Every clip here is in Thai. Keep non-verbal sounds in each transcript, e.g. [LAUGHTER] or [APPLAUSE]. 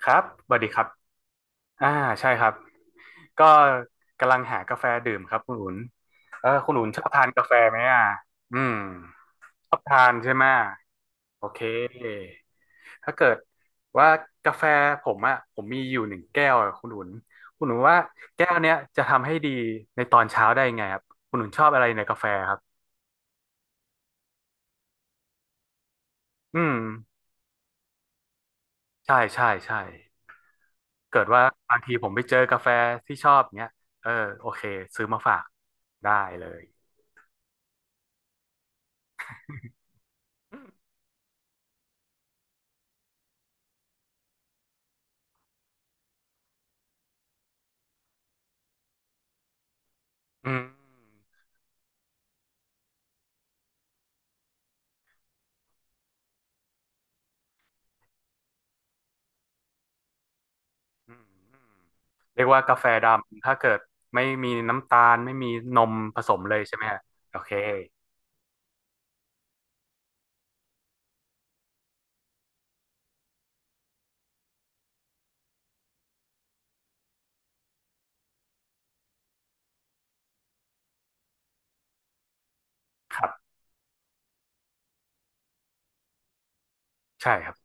ครับสวัสดีครับอ่าใช่ครับ ก็กำลังหากาแฟดื่มครับคุณอุ่นเออคุณอุ่นชอบทานกาแฟไหมอ่ะอืมชอบทานใช่ไหมโอเคถ้าเกิดว่ากาแฟผมอ่ะผมมีอยู่หนึ่งแก้วอะคุณอุ่นว่าแก้วเนี้ยจะทำให้ดีในตอนเช้าได้ยังไงครับ คุณอุ่นชอบอะไรในกาแฟครับอืมใช่ใช่ใช่เกิดว่าบางทีผมไปเจอกาแฟที่ชอบเนี้ยเออโอเคซื้อมาฝากได้เลย อืมอืมอืมเรียกว่ากาแฟดำถ้าเกิดไม่มีน้ำตาลไม่มีนมผสมเลยใช่ไหมฮะโอเคครับใช่ครับ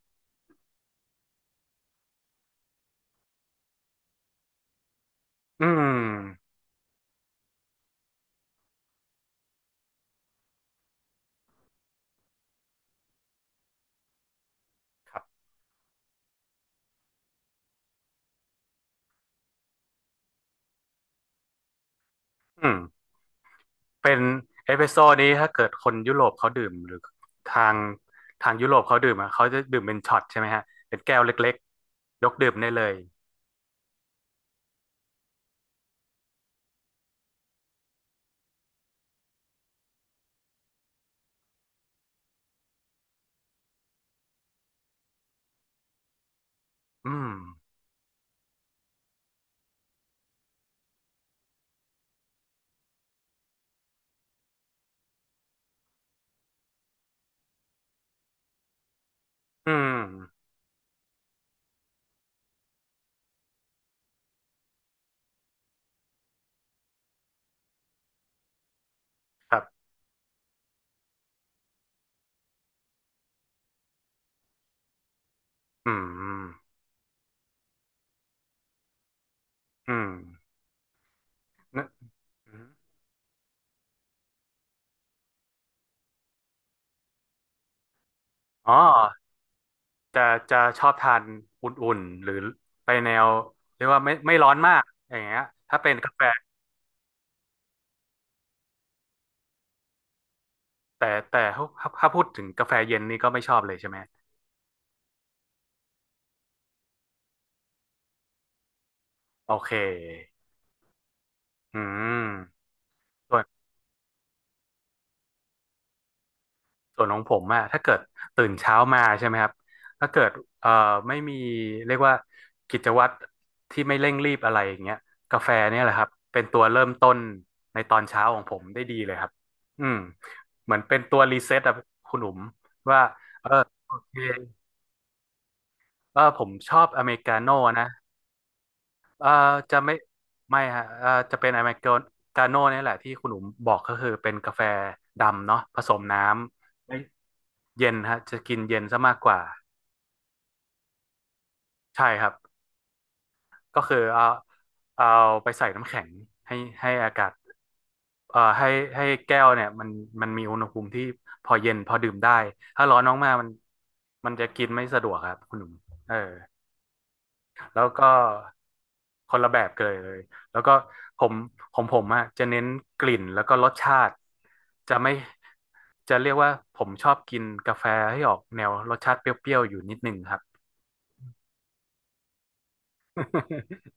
อืมครับอืมเป็นเอสเปรสโซ่นี้ถ้าเกิดคนยุโรปเขาดื่มหรือทางยุโรปเขาดื่มอะเขาจะดื่มเป็นช็อตใช่ไหมฮะเป็นแก้วเล็กๆยกดื่มได้เลยอืมอืมครับอืมอืมนะอ๋อ จะจะชอบทานอุ่นๆหรือไปแนวเรียกว่าไม่ไม่ร้อนมากอย่างเงี้ยถ้าเป็นกาแฟแต่แต่ถ้าพูดถึงกาแฟเย็นนี่ก็ไม่ชอบเลยใช่ไหมโอเคอืมส่วนส่วนของผมอะถ้าเกิดตื่นเช้ามาใช่ไหมครับถ้าเกิดเอ่อไม่มีเรียกว่ากิจวัตรที่ไม่เร่งรีบอะไรอย่างเงี้ยกาแฟเนี่ยแหละครับเป็นตัวเริ่มต้นในตอนเช้าของผมได้ดีเลยครับอืมเหมือนเป็นตัวรีเซ็ตอะคุณหนุ่มว่าเออโอเค เออผมชอบอเมริกาโน่นะเออจะไม่ไม่ฮะเออจะเป็นอเมริกาโน่นี่แหละที่คุณหนุ่มบอกก็คือเป็นกาแฟดำเนาะผสมน้ำไม่เย็นฮะจะกินเย็นซะมากกว่าใช่ครับก็คือเอาเอาไปใส่น้ำแข็งให้ให้อากาศเอ่อให้ให้แก้วเนี่ยมันมีอุณหภูมิที่พอเย็นพอดื่มได้ถ้าร้อนมากๆมันจะกินไม่สะดวกครับคุณหนุ่มเออ แล้วก็คนละแบบกันเลย แล้วก็ผมของผมอะจะเน้นกลิ่นแล้วก็รสชาติจะไม่จะเรียกว่าผมชอบกินกาแฟให้ออกแนวรสชาติเปรี้ยวๆอยู่นิดนึงครับ [LAUGHS]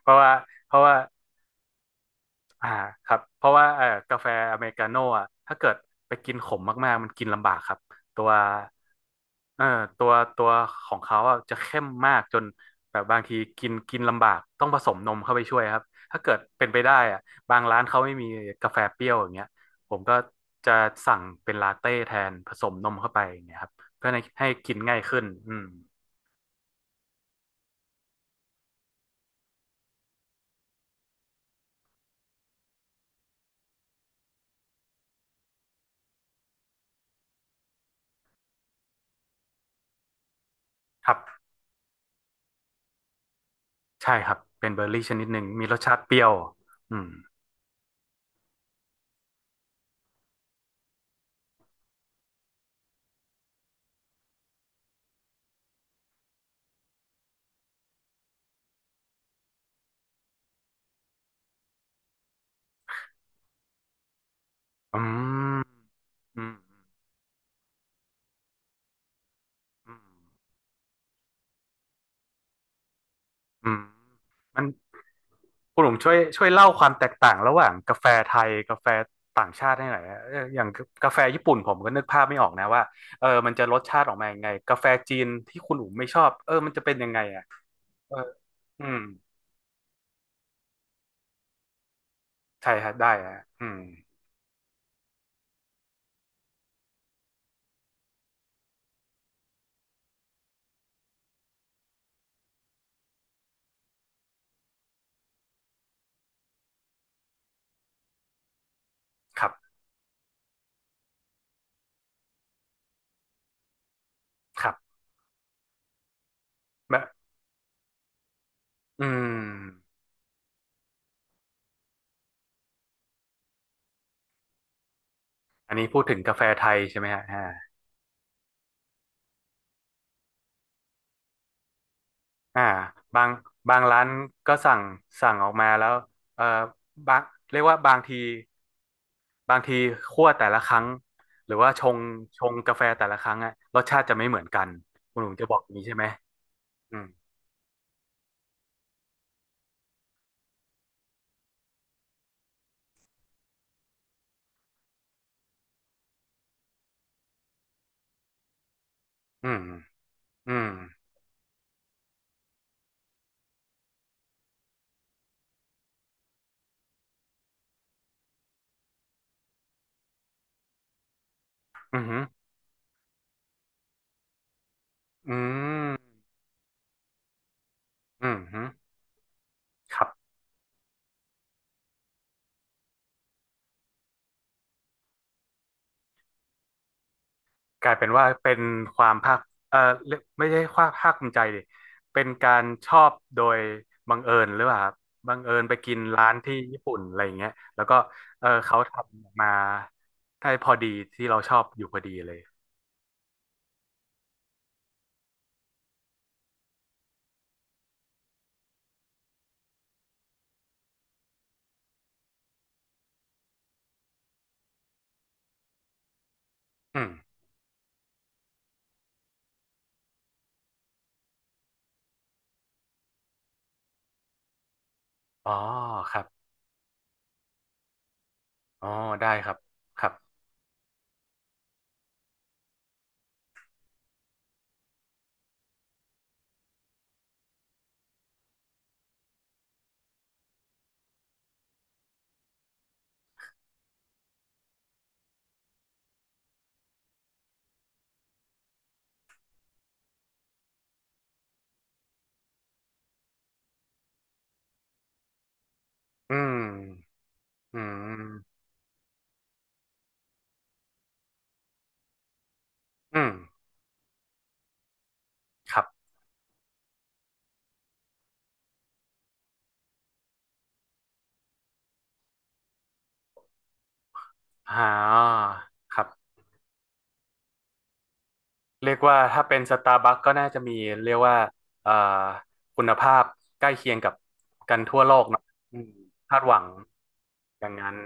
เพราะว่าเพราะว่า อ่าครับเพราะว่ากาแฟอเมริกาโน่อะถ้าเกิดไปกินขมมากๆมันกินลำบากครับตัวเอ่อตัวตัวของเขาอะจะเข้มมากจนแบบบางทีกินกินลำบากต้องผสมนมเข้าไปช่วยครับถ้าเกิดเป็นไปได้อะบางร้านเขาไม่มีกาแฟเปรี้ยวอย่างเงี้ยผมก็จะสั่งเป็นลาเต้แทนผสมนมเข้าไปอย่างเงี้ยครับเพื่อให้กินง่ายขึ้นอืมครับใช่ครับเป็นเบอร์รี่ชนิดหนึ่งมีรสชาติเปรี้ยวอืมอืมอืม อืมอืมมันคุณหลงช่วยเล่าความแตกต่างระหว่างกาแฟไทยกาแฟต่างชาติให้หน่อยนะเอออย่างกาแฟญี่ปุ่นผมก็นึกภาพไม่ออกนะว่าเออมันจะรสชาติออกมายังไงกาแฟจีนที่คุณหลุงไม่ชอบเออมันจะเป็นยังไงอ่ะเอออืมใช่ครับได้ฮะอืมครับครับแบบอืมอันนี้พูดถึงกาแฟไทยใช่ไหมฮะอ่าอ่าบางบางร้านก็สั่งออกมาแล้วเออบางเรียกว่าบางทีคั่วแต่ละครั้งหรือว่าชงกาแฟแต่ละครั้งอะรสชาติจะไม่เหมือนกันคุณหนุ่มจะบอกอย่างนี้ใช่ไหมอืมอืมอืมอืมอืมอืมอืมครับกลายเป็นว่าเป็นความภาคเออเรียกไม่ใช่ความภาคภูมิใจดิเป็นการชอบโดยบังเอิญหรือเปล่าครับบังเอิญไปกินร้านที่ญี่ปุ่นอะไรอย่างเงี้ยแล้วก็เออเขาทำออกมาได้พอดีที่เราชอบอยู่พอดีเลยอืมอ๋อครับอ๋อได้ครับครับ อืมอืมอืมครับอ่าครับเรียกว่าถ้าเป็นสตาร์บัคก็น่าจะมีเรียกว่าเอ่อคุณภาพใกล้เคียงกับอืมคาดหวังอย่างนั้น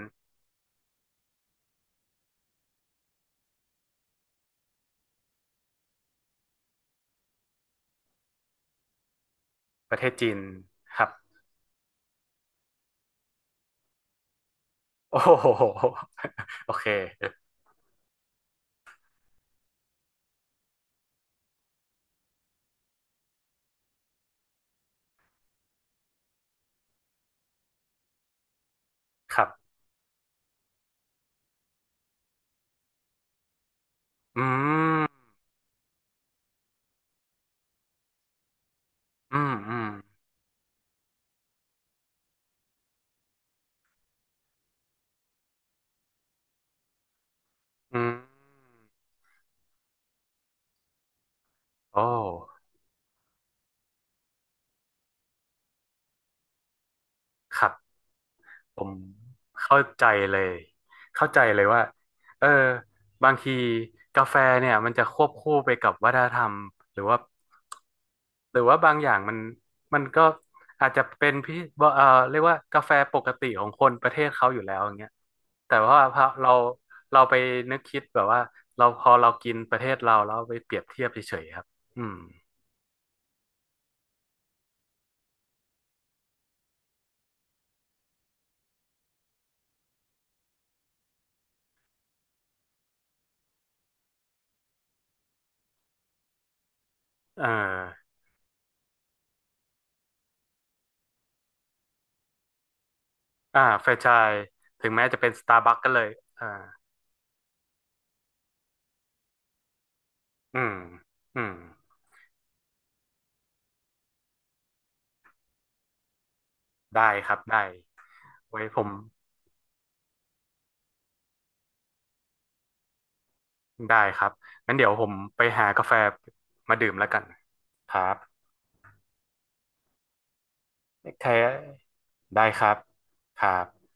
ประเทศจีนครับ [LAUGHS] โอ้โห [LAUGHS] โอเค ครับ อืมอืมอืมอืมโอ้ครับ ผมเข้าใจเลยเข้าใจเลยว่าเออบางทีกาแฟเนี่ยมันจะควบคู่ไปกับวัฒนธรรมหรือว่าหรือว่าบางอย่างมันมันก็อาจจะเป็นพิเอ่อเรียกว่ากาแฟปกติของคนประเทศเขาอยู่แล้วอย่างเงี้ยแต่ว่าพอเราไปนึกคิดแบบว่าเราพอเรากินประเทศเราแล้วไปเปรียบเทียบเฉยๆครับอืมเอออ่าแฟรนไชส์ถึงแม้จะเป็นสตาร์บัคก็เลยอ่าอืมอืม ได้ครับได้ไว้ผมได้ครับงั้นเดี๋ยวผมไปหากาแฟมาดื่มแล้วกันครับโอเคได้ครับครับ